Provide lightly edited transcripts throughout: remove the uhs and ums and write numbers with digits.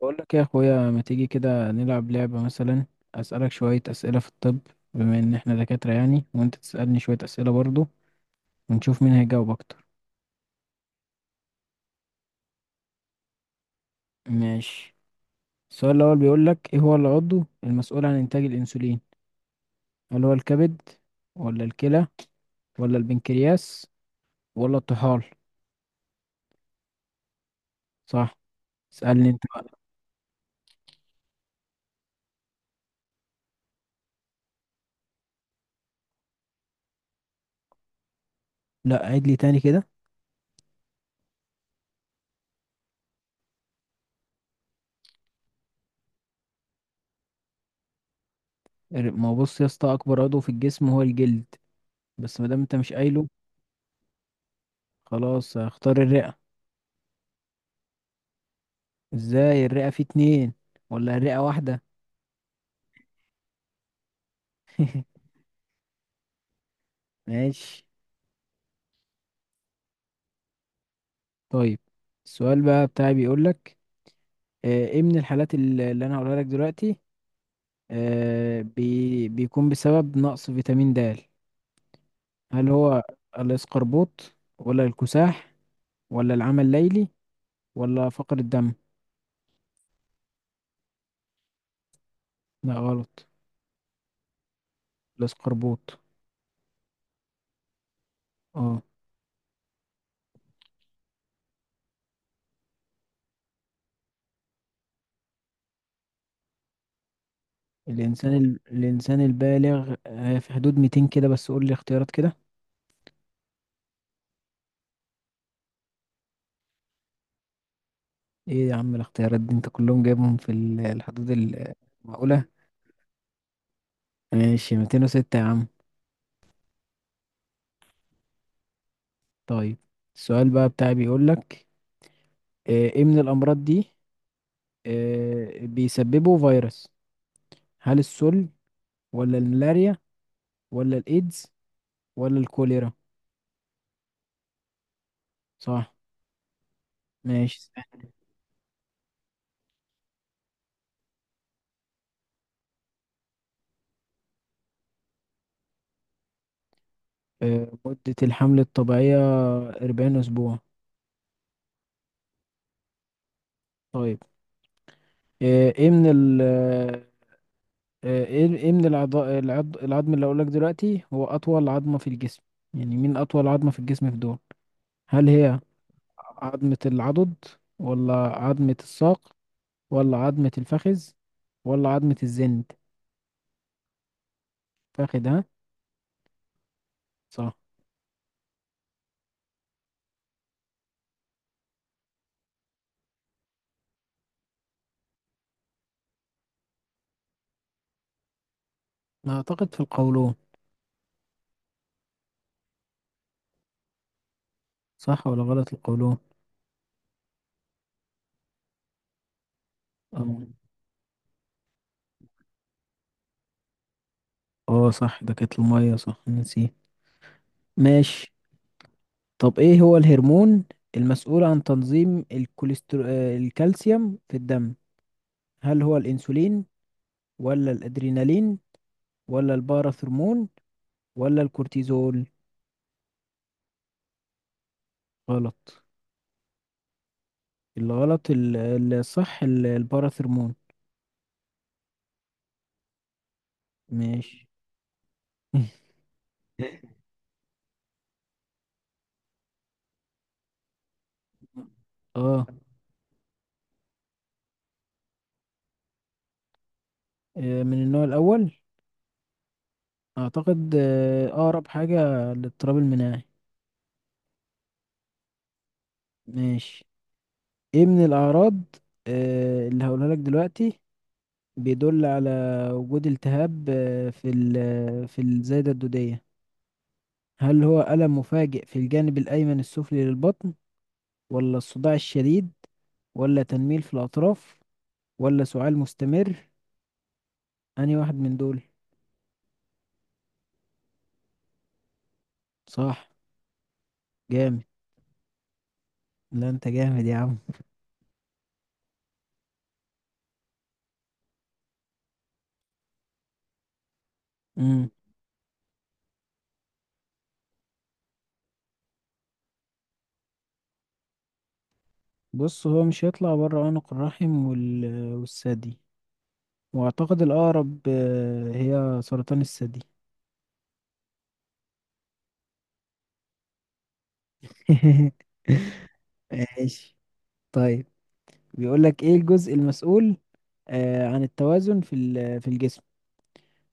بقول لك يا اخويا، ما تيجي كده نلعب لعبة مثلا؟ اسألك شوية اسئلة في الطب، بما ان احنا دكاترة يعني، وانت تسألني شوية اسئلة برضو، ونشوف مين هيجاوب اكتر. ماشي. السؤال الاول بيقول لك: ايه هو العضو المسؤول عن انتاج الانسولين؟ هل هو الكبد، ولا الكلى، ولا البنكرياس، ولا الطحال؟ صح. اسألني انت بقى. لا، عيد لي تاني كده. ما هو بص يا اسطى، اكبر عضو في الجسم هو الجلد، بس ما دام انت مش قايله، خلاص هختار الرئة. ازاي الرئة فيه اتنين ولا الرئة واحدة؟ ماشي. طيب السؤال بقى بتاعي بيقولك: ايه من الحالات اللي انا هقولها لك دلوقتي، آه، بي بيكون بسبب نقص فيتامين د. هل هو الاسقربوط، ولا الكساح، ولا العمى الليلي، ولا فقر الدم؟ لا غلط. الاسقربوط. اه. الانسان الانسان البالغ في حدود 200 كده، بس قول لي اختيارات كده. ايه يا عم الاختيارات دي؟ انت كلهم جايبهم في الحدود المعقولة. ماشي 206 يا عم. طيب السؤال بقى بتاعي بيقول لك: ايه من الامراض دي بيسببه فيروس؟ هل السل، ولا الملاريا، ولا الايدز، ولا الكوليرا؟ صح. ماشي. مدة الحمل الطبيعية 40 اسبوع. طيب، آه، ايه من ال آه، ايه ايه من العظم اللي اقولك دلوقتي هو اطول عظمة في الجسم؟ يعني مين اطول عظمة في الجسم في دول؟ هل هي عظمة العضد، ولا عظمة الساق، ولا عظمة الفخذ، ولا عظمة الزند؟ فاخد ها. صح. أنا اعتقد في القولون. صح ولا غلط القولون؟ اه. اه صح، ده كانت المية، صح، نسيه. ماشي. طب ايه هو الهرمون المسؤول عن تنظيم الكوليسترو... آه، الكالسيوم في الدم؟ هل هو الانسولين، ولا الادرينالين، ولا الباراثرمون، ولا الكورتيزول؟ غلط. الغلط الصح الباراثرمون. ماشي. اه. من النوع الاول. اعتقد اقرب حاجه للاضطراب المناعي. ماشي. ايه من الاعراض اللي هقولها لك دلوقتي بيدل على وجود التهاب في الزايده الدوديه؟ هل هو الم مفاجئ في الجانب الايمن السفلي للبطن، ولا الصداع الشديد، ولا تنميل في الأطراف، ولا سعال مستمر؟ أنهي واحد من دول؟ صح جامد. لا أنت جامد يا عم. مم. بص هو مش هيطلع بره عنق الرحم والثدي، وأعتقد الأقرب هي سرطان الثدي. ماشي. طيب بيقول لك: إيه الجزء المسؤول عن التوازن في الجسم؟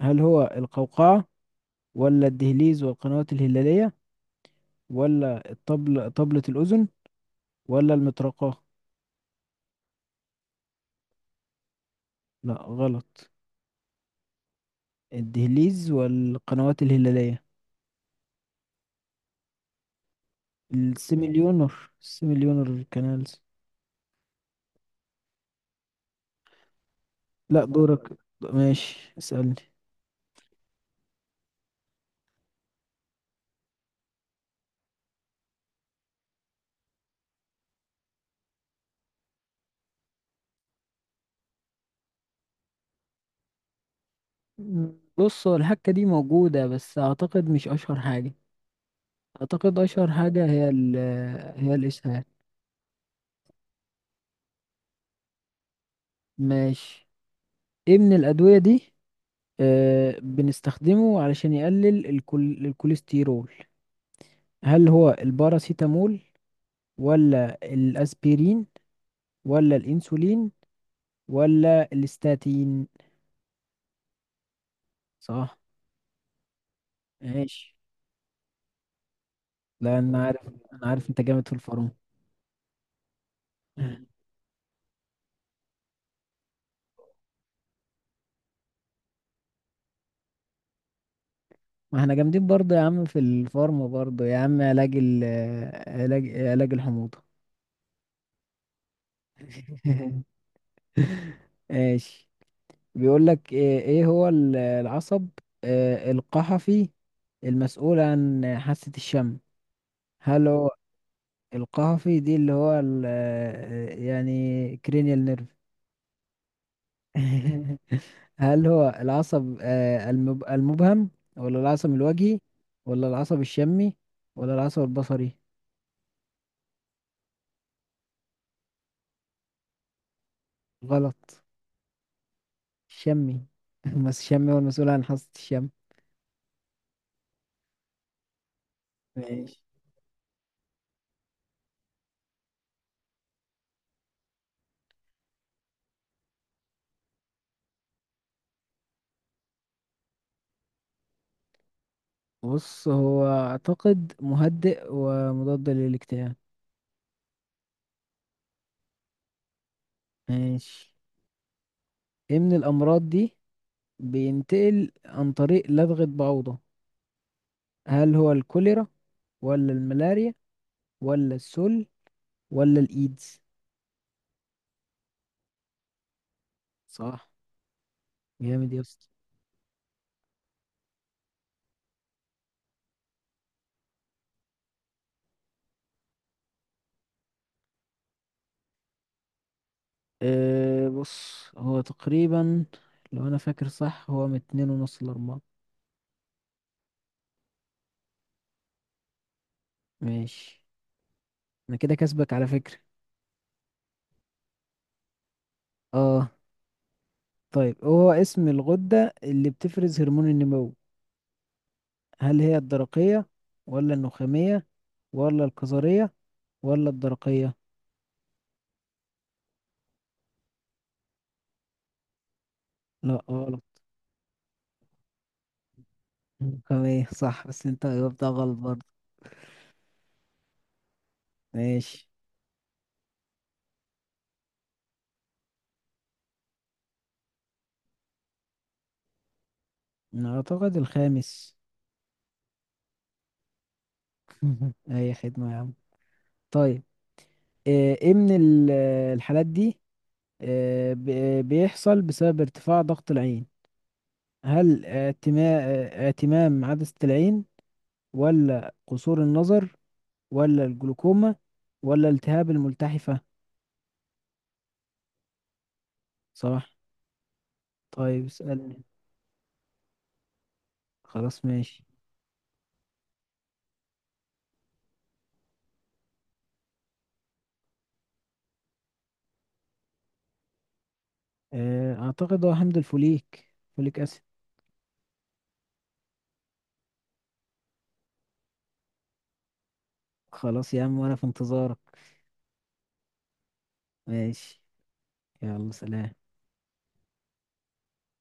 هل هو القوقعة، ولا الدهليز والقنوات الهلالية، ولا طبلة الأذن، ولا المطرقة؟ لا غلط. الدهليز والقنوات الهلالية. السيميليونر كانالز. لا دورك. ماشي اسألني. مم، بص هو الحكة دي موجودة، بس أعتقد مش أشهر حاجة. أعتقد أشهر حاجة هي الإسهال. ماشي. إيه من الأدوية دي آه بنستخدمه علشان يقلل الكوليسترول؟ هل هو الباراسيتامول، ولا الأسبرين، ولا الانسولين، ولا الاستاتين؟ صح. ماشي. لا انا عارف. انا عارف انت جامد في الفارما. ما احنا جامدين برضه يا عم، في الفارما برضه يا عم. علاج ال علاج علاج الحموضة. ماشي. بيقول لك إيه هو العصب القحفي المسؤول عن حاسة الشم؟ هل هو القحفي دي اللي هو يعني cranial nerve. هل هو العصب المبهم، ولا العصب الوجهي، ولا العصب الشمي، ولا العصب البصري؟ غلط. الشمي. بس الشمي هو المسؤول عن حاسة الشم. ماشي. بص هو أعتقد مهدئ ومضاد للاكتئاب. ماشي. إيه من الأمراض دي بينتقل عن طريق لدغة بعوضة؟ هل هو الكوليرا، ولا الملاريا، ولا السل، ولا الإيدز؟ صح جامد يا اسطى. أه بص هو تقريبا، لو انا فاكر صح، هو من اتنين ونص لاربعة. ماشي. انا كده كسبك على فكرة. اه. طيب هو اسم الغدة اللي بتفرز هرمون النمو. هل هي الدرقية، ولا النخامية، ولا الكظرية، ولا الدرقية؟ لا غلط. النخامية صح، بس انت جاوبتها غلط برضه. ماشي. انا اعتقد الخامس. اي خدمة يا عم. طيب آه، ايه من ال- الحالات دي بيحصل بسبب ارتفاع ضغط العين. هل اعتمام عدسة العين، ولا قصور النظر، ولا الجلوكوما، ولا التهاب الملتحفة؟ صح. طيب اسألني. خلاص ماشي. اعتقد هو حمض الفوليك. فوليك اسيد. خلاص يا عم وانا في انتظارك. ماشي. يلا سلام.